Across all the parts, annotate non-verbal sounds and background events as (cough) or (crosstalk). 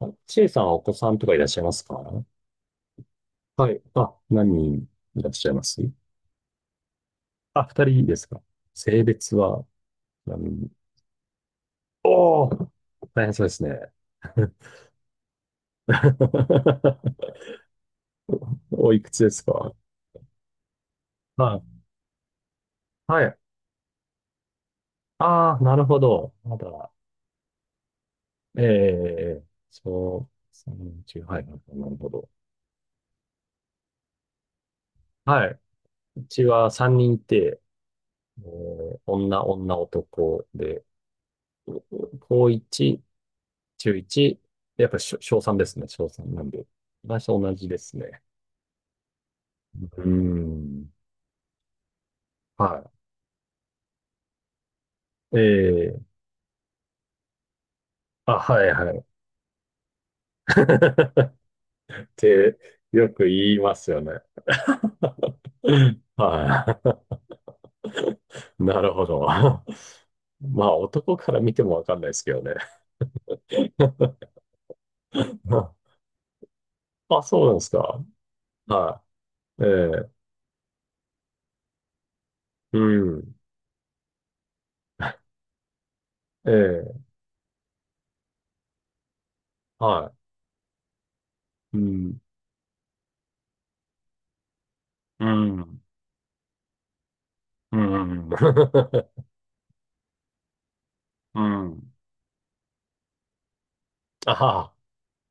あちえさんはお子さんとかいらっしゃいますか？はい。あ、何人いらっしゃいます？あ、二人ですか？性別は何？おおー、大変そうですね。(laughs) おいくつですか？はい。はい。ああ、なるほど。まだ、ええ、そう、三人中、はい、なるほど。はい。うちは三人いて、女、女、男で、高一中1、やっぱり小3ですね、小3なんで。私と同じですね。うーん。はい。ええ。あ、はいはい。(laughs) って、よく言いますよね。(laughs) はい。(laughs) なるほど。まあ、男から見てもわかんないですけどね。あ、そうなんですか。はい。ええ。うん。ええ。はい。うん。うん。うん。(laughs) うん。(laughs) あはは、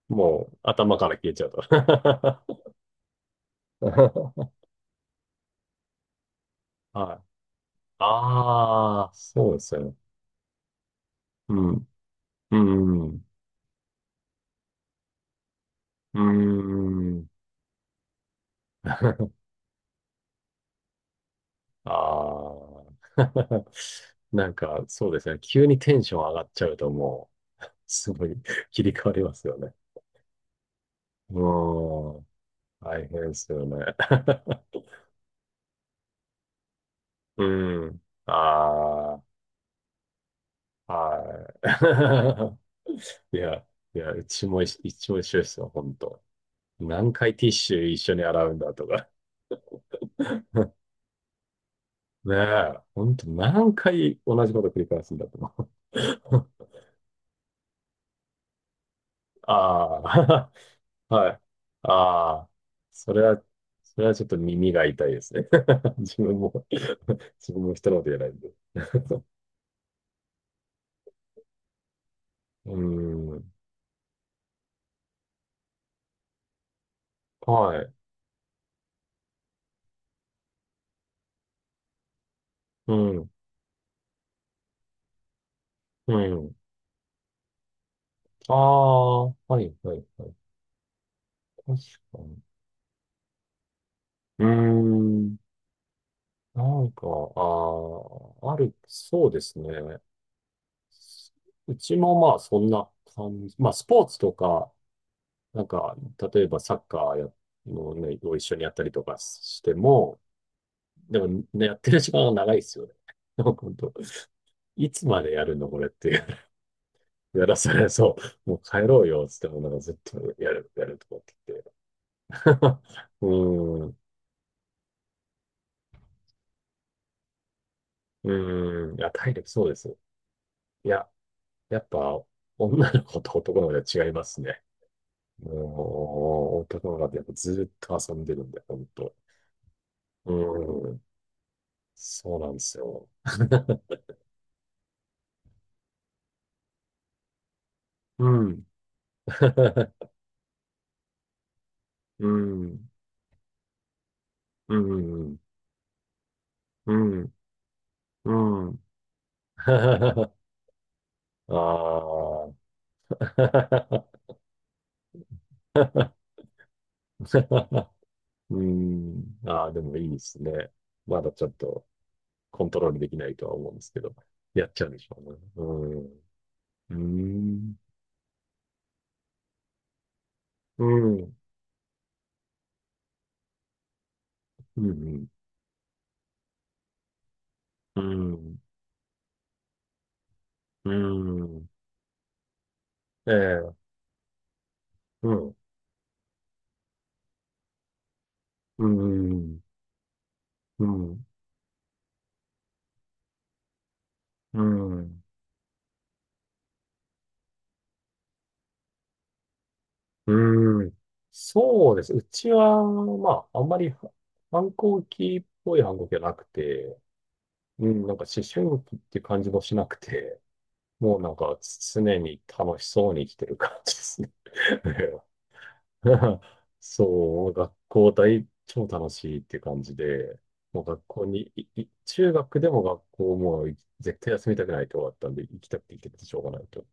もう頭から消えちゃうと。(laughs) (laughs) はい。ああ、そうですよね。うん。うん。うん。うん。 (laughs) ああ。(laughs) なんか、そうですね。急にテンション上がっちゃうと、もう、すごい (laughs) 切り替わりますよね。うん。大変ですよね。(laughs) うん。ああ、はい。(laughs) いや、いや、うちも一応一緒ですよ、本当。何回ティッシュ一緒に洗うんだとか。ねえ、ほんと何回同じこと繰り返すんだと思う。(laughs) ああ、(laughs) はい。ああ、それは、それはちょっと耳が痛いですね。(laughs) 自分も (laughs) 自分も人のこと言えないんで。(laughs) うーん、はい。うん、うん。ああ、はい、はい、はい。確かに。うーん、なんか、ああ、ある、そうですね。うちもまあそんな感じ。まあスポーツとか、なんか、例えばサッカーや、もうね、を一緒にやったりとかしても、でもね、やってる時間が長いですよね。(laughs) 本当、いつまでやるのこれっていう。やらされそう。もう帰ろうよ、つっても、なんかずっとやる、やるとかって言って。(laughs) うーん、うーん。いや、体力そうです。いや、やっぱ、女の子と男の子では違いますね。もう、男の子ってやっぱずっと遊んでるんで、本当。うーん、そうなんですよ。(laughs) うん。(laughs) うん、うん、うん、うん。(laughs) ああ。(laughs) うん。ああ、でもいいですね。まだちょっとコントロールできないとは思うんですけど、やっちゃうんでしょうね。うん。うん。うん。うん。うん。うん。ええ。うん。うん。うん。うん。うん。そうです。うちは、まあ、あんまり反抗期っぽい反抗期はなくて、うん、なんか思春期って感じもしなくて、もうなんか常に楽しそうに生きてる感じですね。(laughs) そう、学校超楽しいって感じで、もう学校に、いい中学でも学校もう絶対休みたくないと終わったんで、行きたくて行きたくてしょうがないと。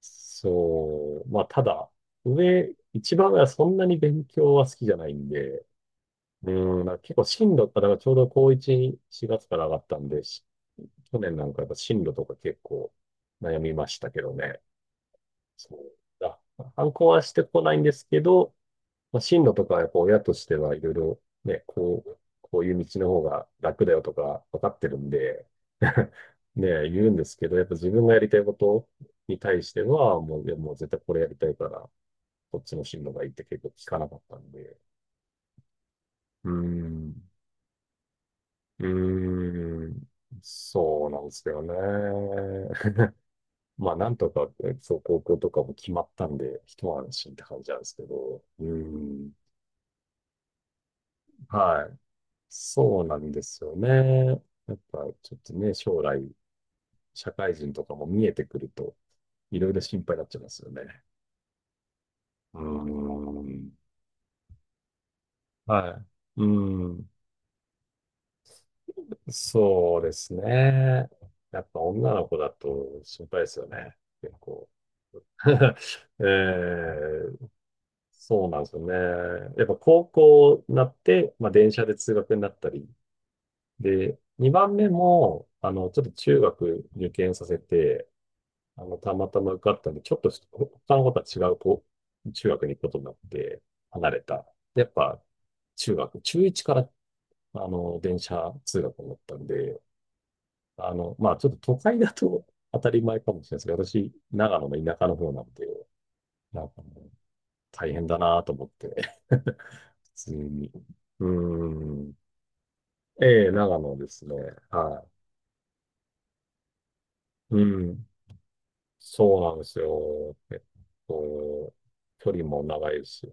そう、まあただ、一番上はそんなに勉強は好きじゃないんで、うん、なんか結構進路ったらちょうど高1、4月から上がったんで、去年なんかやっぱ進路とか結構悩みましたけどね。そうだ。反抗はしてこないんですけど、まあ、進路とかやっぱ親としてはいろいろね、こういう道の方が楽だよとか分かってるんで (laughs) ね、言うんですけど、やっぱ自分がやりたいことに対しては、もう、いやもう絶対これやりたいから、こっちの進路がいいって結構聞かなかったんで。うーん。うーん、そうなんですよね。(laughs) まあ、なんとかね、そう、高校とかも決まったんで、一安心って感じなんですけど、うーん、はい。そうなんですよね。やっぱ、ちょっとね、将来、社会人とかも見えてくると、いろいろ心配になっちゃいますよね。うーん、はい。うーん、そうですね。やっぱ女の子だと心配ですよね。結構。(laughs) ええ、そうなんですよね。やっぱ高校になって、まあ、電車で通学になったり。で、2番目も、あの、ちょっと中学受験させて、あの、たまたま受かったんで、ちょっと他の子とは違うこう中学に行くことになって、離れた。でやっぱ、中学、中1から、あの、電車通学になったんで、あの、まあ、ちょっと都会だと (laughs) 当たり前かもしれないですけど、私、長野の田舎の方なんで、なんかもう、大変だなと思って。普通に。うん。ええ、長野ですね。はい。うん。そうなんですよ。と、距離も長いし。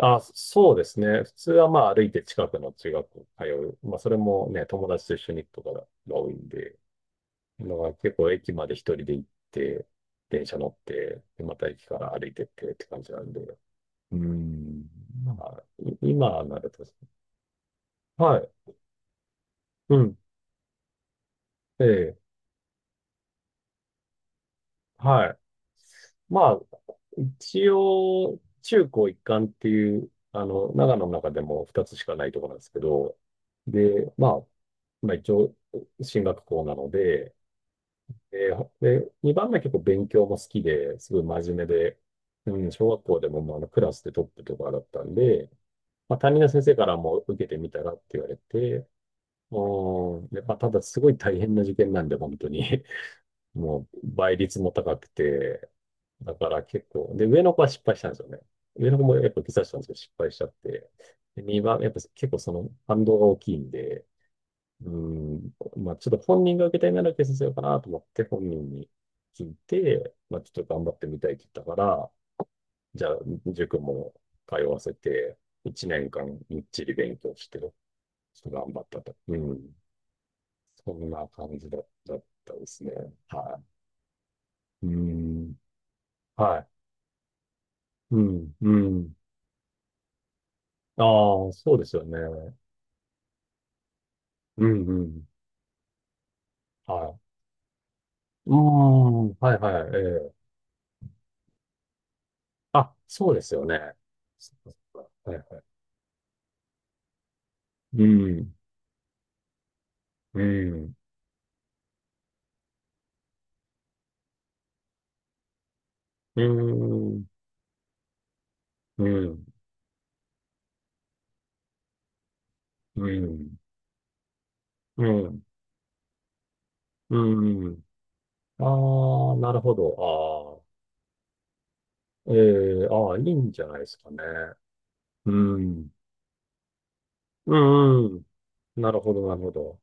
あ、そうですね。普通はまあ歩いて近くの中学校通う。まあそれもね、友達と一緒に行くとかが多いんで、のが結構駅まで一人で行って、電車乗って、でまた駅から歩いてってって感じなんで。うん。まあ、今なると、はい。うん。ええ。はい。まあ、一応、中高一貫っていう、あの、長野の中でも2つしかないところなんですけど、で、まあ、一応、進学校なので、で、で、2番目は結構勉強も好きで、すごい真面目で、うん、小学校でもまああのクラスでトップとかだったんで、まあ担任の先生からも受けてみたらって言われて、うん、で、まあただすごい大変な受験なんで、本当に。もう倍率も高くて、だから結構、で、上の子は失敗したんですよね。上の子もやっぱ受けさたんですよ、失敗しちゃって。で、2番、やっぱ結構その反動が大きいんで、うーん、まあちょっと本人が受けたいなら受けさせようかなと思って本人に聞いて、まあちょっと頑張ってみたいって言ったから、じゃあ塾も通わせて、1年間みっちり勉強して、ちょっと頑張ったと。うん。そんな感じだったですね。はい。うーん。はい。うん、うん。ああ、そうですよね。うん、うん。はい。ああ、はい、はい、ええ。あ、そうですよね。そっかそっか、はい、はい。うん、うん、うん、うん、うん、うん、うん。ああ、なるほど。ああ、ええ、ああ、いいんじゃないですかね。うん、うん、うん。なるほど、なるほど。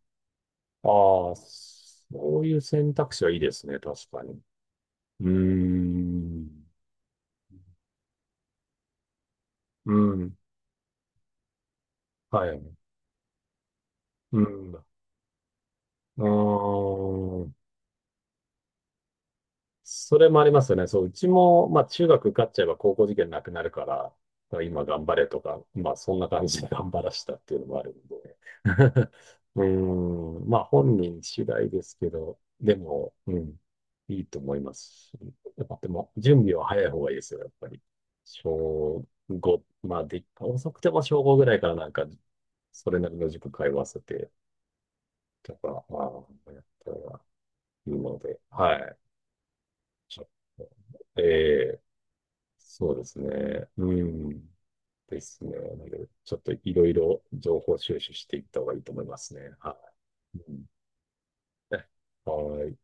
ああ、そういう選択肢はいいですね、確かに。うーん。うん。はい。うん。うーん。それもありますよね。そう、うちも、まあ、中学受かっちゃえば高校受験なくなるから、まあ今頑張れとか、まあ、そんな感じで頑張らしたっていうのもあるんで。(laughs) うーん。まあ、本人次第ですけど、でも、うん。いいと思いますし。やっぱ、でも、準備は早い方がいいですよ、やっぱり。小5、まあ、で、遅くても小5ぐらいからなんか、それなりの塾通わせて、とか、ああ、やったらいいので、はい。ちょっと、ええ、そうですね。うん。ですね。なので、ちょっといろいろ情報収集していった方がいいと思いますね。はい。うん、ね、はい。